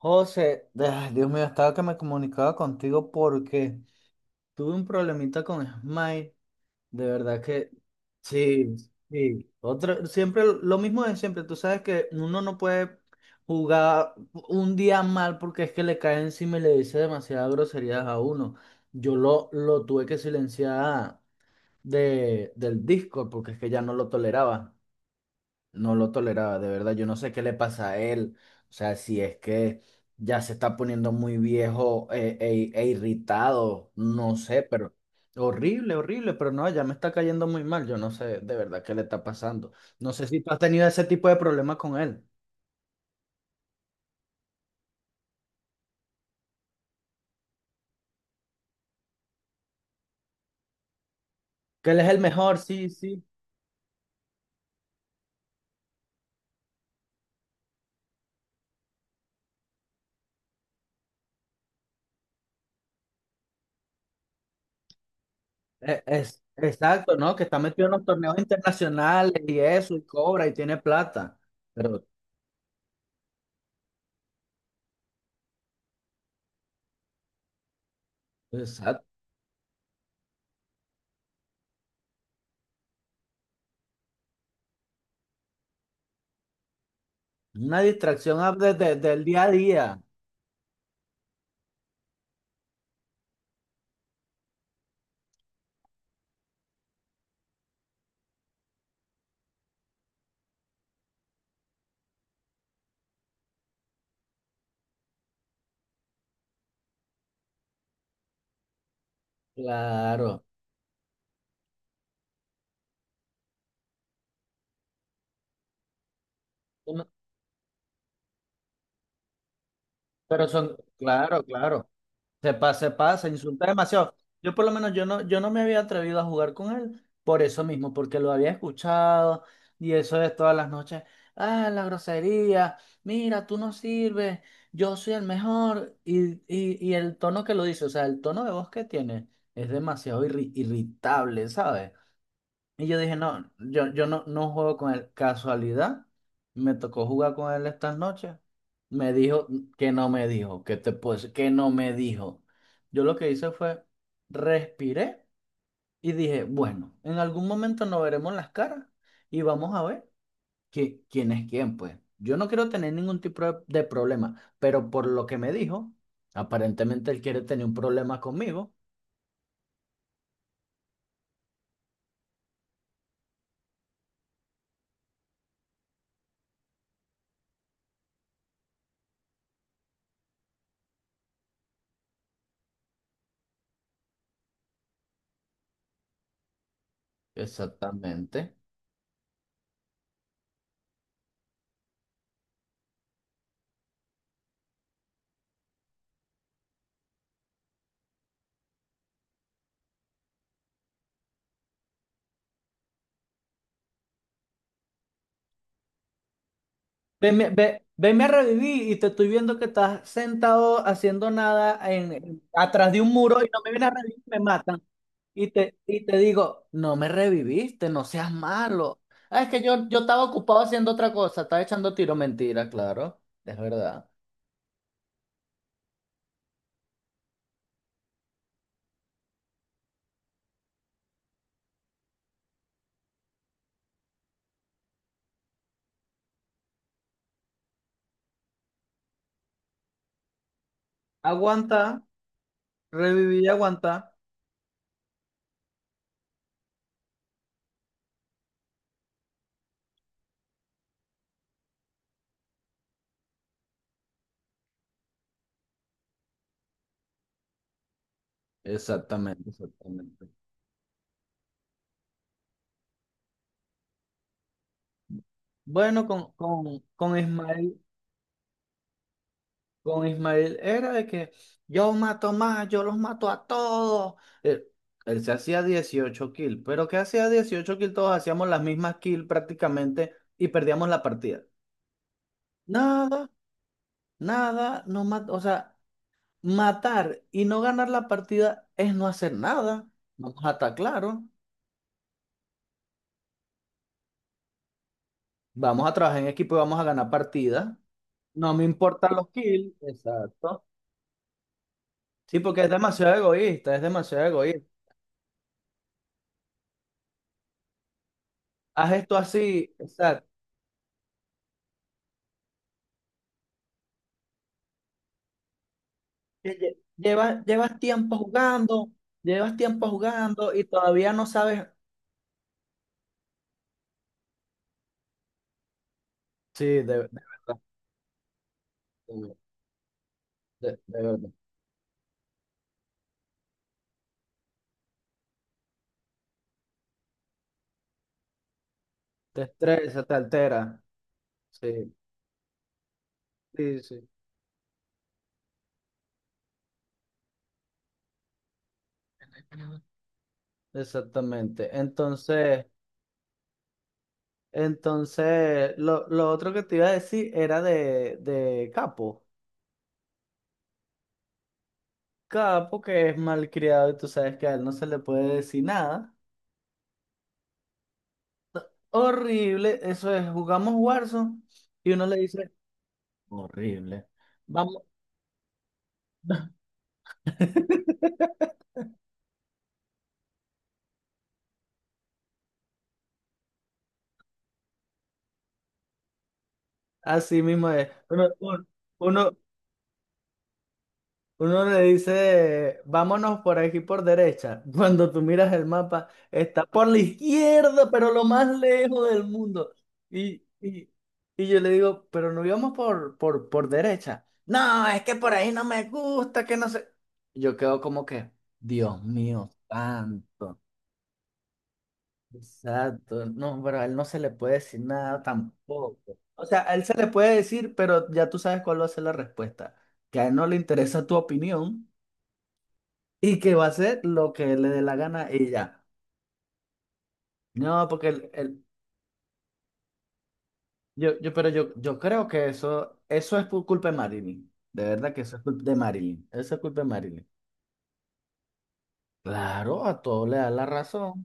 José, ay, Dios mío, estaba que me comunicaba contigo porque tuve un problemita con Smile. De verdad que sí, sí. Otro, siempre lo mismo de siempre. Tú sabes que uno no puede jugar un día mal porque es que le cae encima y le dice demasiadas groserías a uno. Yo lo tuve que silenciar del Discord porque es que ya no lo toleraba. No lo toleraba, de verdad. Yo no sé qué le pasa a él. O sea, si es que ya se está poniendo muy viejo e irritado, no sé, pero horrible, horrible, pero no, ya me está cayendo muy mal. Yo no sé de verdad qué le está pasando. No sé si tú has tenido ese tipo de problemas con él. Que él es el mejor, sí, sí. Es, exacto, ¿no? Que está metido en los torneos internacionales y eso, y cobra y tiene plata. Pero, exacto, una distracción desde el día a día. Claro. Pero son, claro, claro, se pasa, insulta demasiado. Yo por lo menos yo no me había atrevido a jugar con él por eso mismo, porque lo había escuchado y eso es todas las noches. Ah, la grosería, mira, tú no sirves, yo soy el mejor. Y el tono que lo dice, o sea, el tono de voz que tiene es demasiado irritable, ¿sabes? Y yo dije, no, yo no juego con él. Casualidad, me tocó jugar con él estas noches. Me dijo que no me dijo, que te puedo decir que no me dijo. Yo lo que hice fue respiré y dije, bueno, en algún momento nos veremos las caras y vamos a ver quién es quién, pues. Yo no quiero tener ningún tipo de problema, pero por lo que me dijo, aparentemente él quiere tener un problema conmigo. Exactamente. Venme a revivir y te estoy viendo que estás sentado haciendo nada atrás de un muro y no me vienes a revivir, me matan. Y te digo, no me reviviste, no seas malo. Ah, es que yo estaba ocupado haciendo otra cosa, estaba echando tiro mentira, claro, es verdad. Aguanta, reviví, aguanta. Exactamente, exactamente. Bueno, con Ismael. Con Ismael era de que yo mato más, yo los mato a todos. Él, él se hacía 18 kills, pero ¿qué hacía 18 kills? Todos hacíamos las mismas kills prácticamente y perdíamos la partida. Nada, nada, no mat- o sea, matar y no ganar la partida es no hacer nada. Vamos a estar claro, vamos a trabajar en equipo y vamos a ganar partidas. No me importan los kills, exacto. Sí, porque es demasiado egoísta, es demasiado egoísta. Haz esto así, exacto que Llevas tiempo jugando y todavía no sabes. Sí, de verdad, de, de verdad. Te estresa, te altera. Sí, sí, sí. Exactamente. Entonces, lo otro que te iba a decir era de Capo. Capo que es malcriado y tú sabes que a él no se le puede decir nada. Horrible, eso es, jugamos Warzone y uno le dice, horrible. Vamos. Así mismo es. Uno, uno le dice, vámonos por aquí por derecha. Cuando tú miras el mapa, está por la izquierda, pero lo más lejos del mundo. Y, y, y yo le digo, pero no íbamos por derecha. No, es que por ahí no me gusta, que no sé. Yo quedo como que, Dios mío, santo. Exacto, no, pero a él no se le puede decir nada tampoco. O sea, a él se le puede decir, pero ya tú sabes cuál va a ser la respuesta. Que a él no le interesa tu opinión y que va a hacer lo que le dé la gana y ya. No, porque el, yo, pero yo creo que eso es por culpa de Marilyn. De verdad que eso es culpa de Marilyn. Eso es culpa de Marilyn. Claro, a todo le da la razón.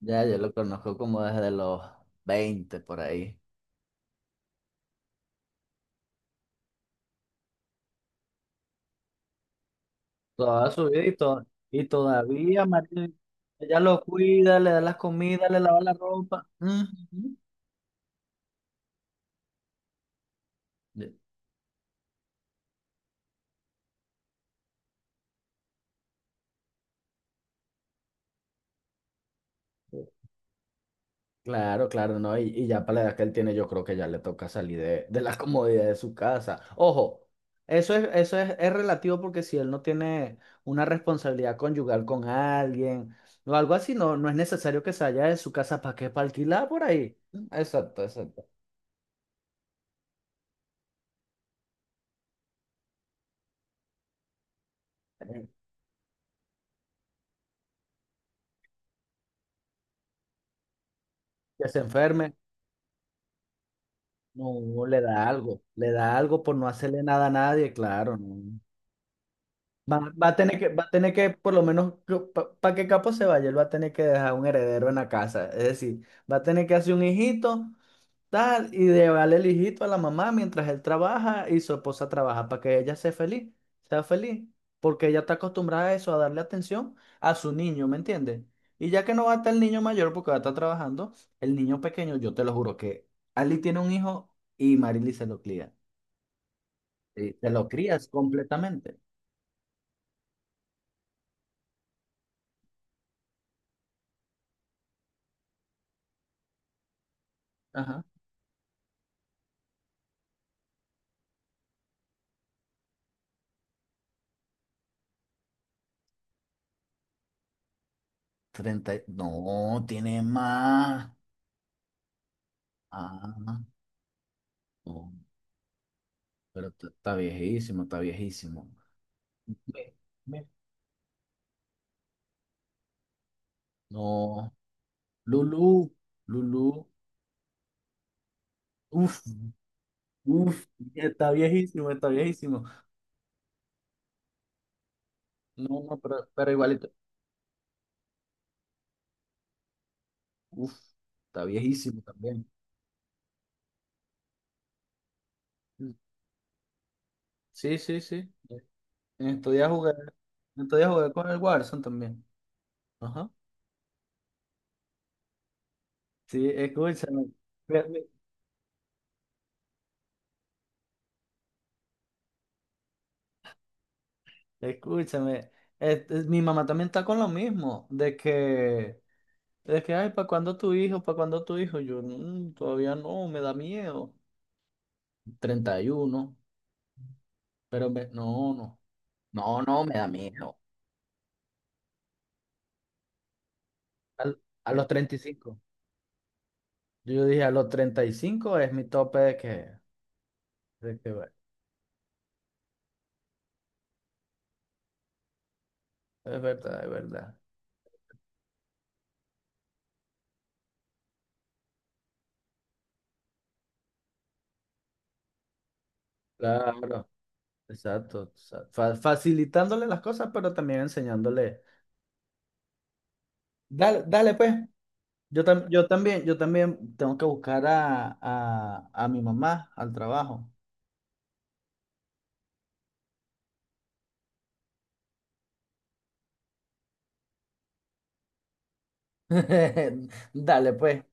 Ya, yo lo conozco como desde los 20 por ahí. Toda su vida y todavía María, ella lo cuida, le da las comidas, le lava la ropa. Ujú. De- eh, Claro, claro, ¿no? Y ya para la edad que él tiene, yo creo que ya le toca salir de la comodidad de su casa. Ojo, es relativo porque si él no tiene una responsabilidad conyugal con alguien o algo así, no es necesario que se vaya de su casa para qué, para alquilar por ahí. Exacto, exacto. Que se enferme. No, le da algo por no hacerle nada a nadie, claro, no. Va, va a tener que, va a tener que, por lo menos, para que Capo se vaya, él va a tener que dejar un heredero en la casa. Es decir, va a tener que hacer un hijito, tal, y llevarle el hijito a la mamá mientras él trabaja y su esposa trabaja, para que ella sea feliz, porque ella está acostumbrada a eso, a darle atención a su niño, ¿me entiendes? Y ya que no va a estar el niño mayor porque va a estar trabajando, el niño pequeño, yo te lo juro que Ali tiene un hijo y Marily se lo cría. Sí, se lo crías completamente. Ajá. No, tiene más. Ah, no. Pero está viejísimo, está viejísimo. Ve, ve. No. Lulu, Lulu. Uf, uf. Está viejísimo, está viejísimo. No, no, pero igualito. Uf, está viejísimo también. Sí, sí, sí. En estos días jugué, en estos días jugué con el Warzone también. Ajá. Sí, escúchame. Escúchame, este, mi mamá también está con lo mismo, de que, ay, ¿para cuándo tu hijo? ¿Para cuándo tu hijo? Yo, "Mm, todavía no, me da miedo. 31, no, no, no, no, me da miedo. Al- a los 35, yo dije, a los 35 es mi tope de que, bueno, es verdad, es verdad. Claro, exacto. Facilitándole las cosas, pero también enseñándole. Dale, dale, pues. Yo también tengo que buscar a mi mamá al trabajo. Dale, pues.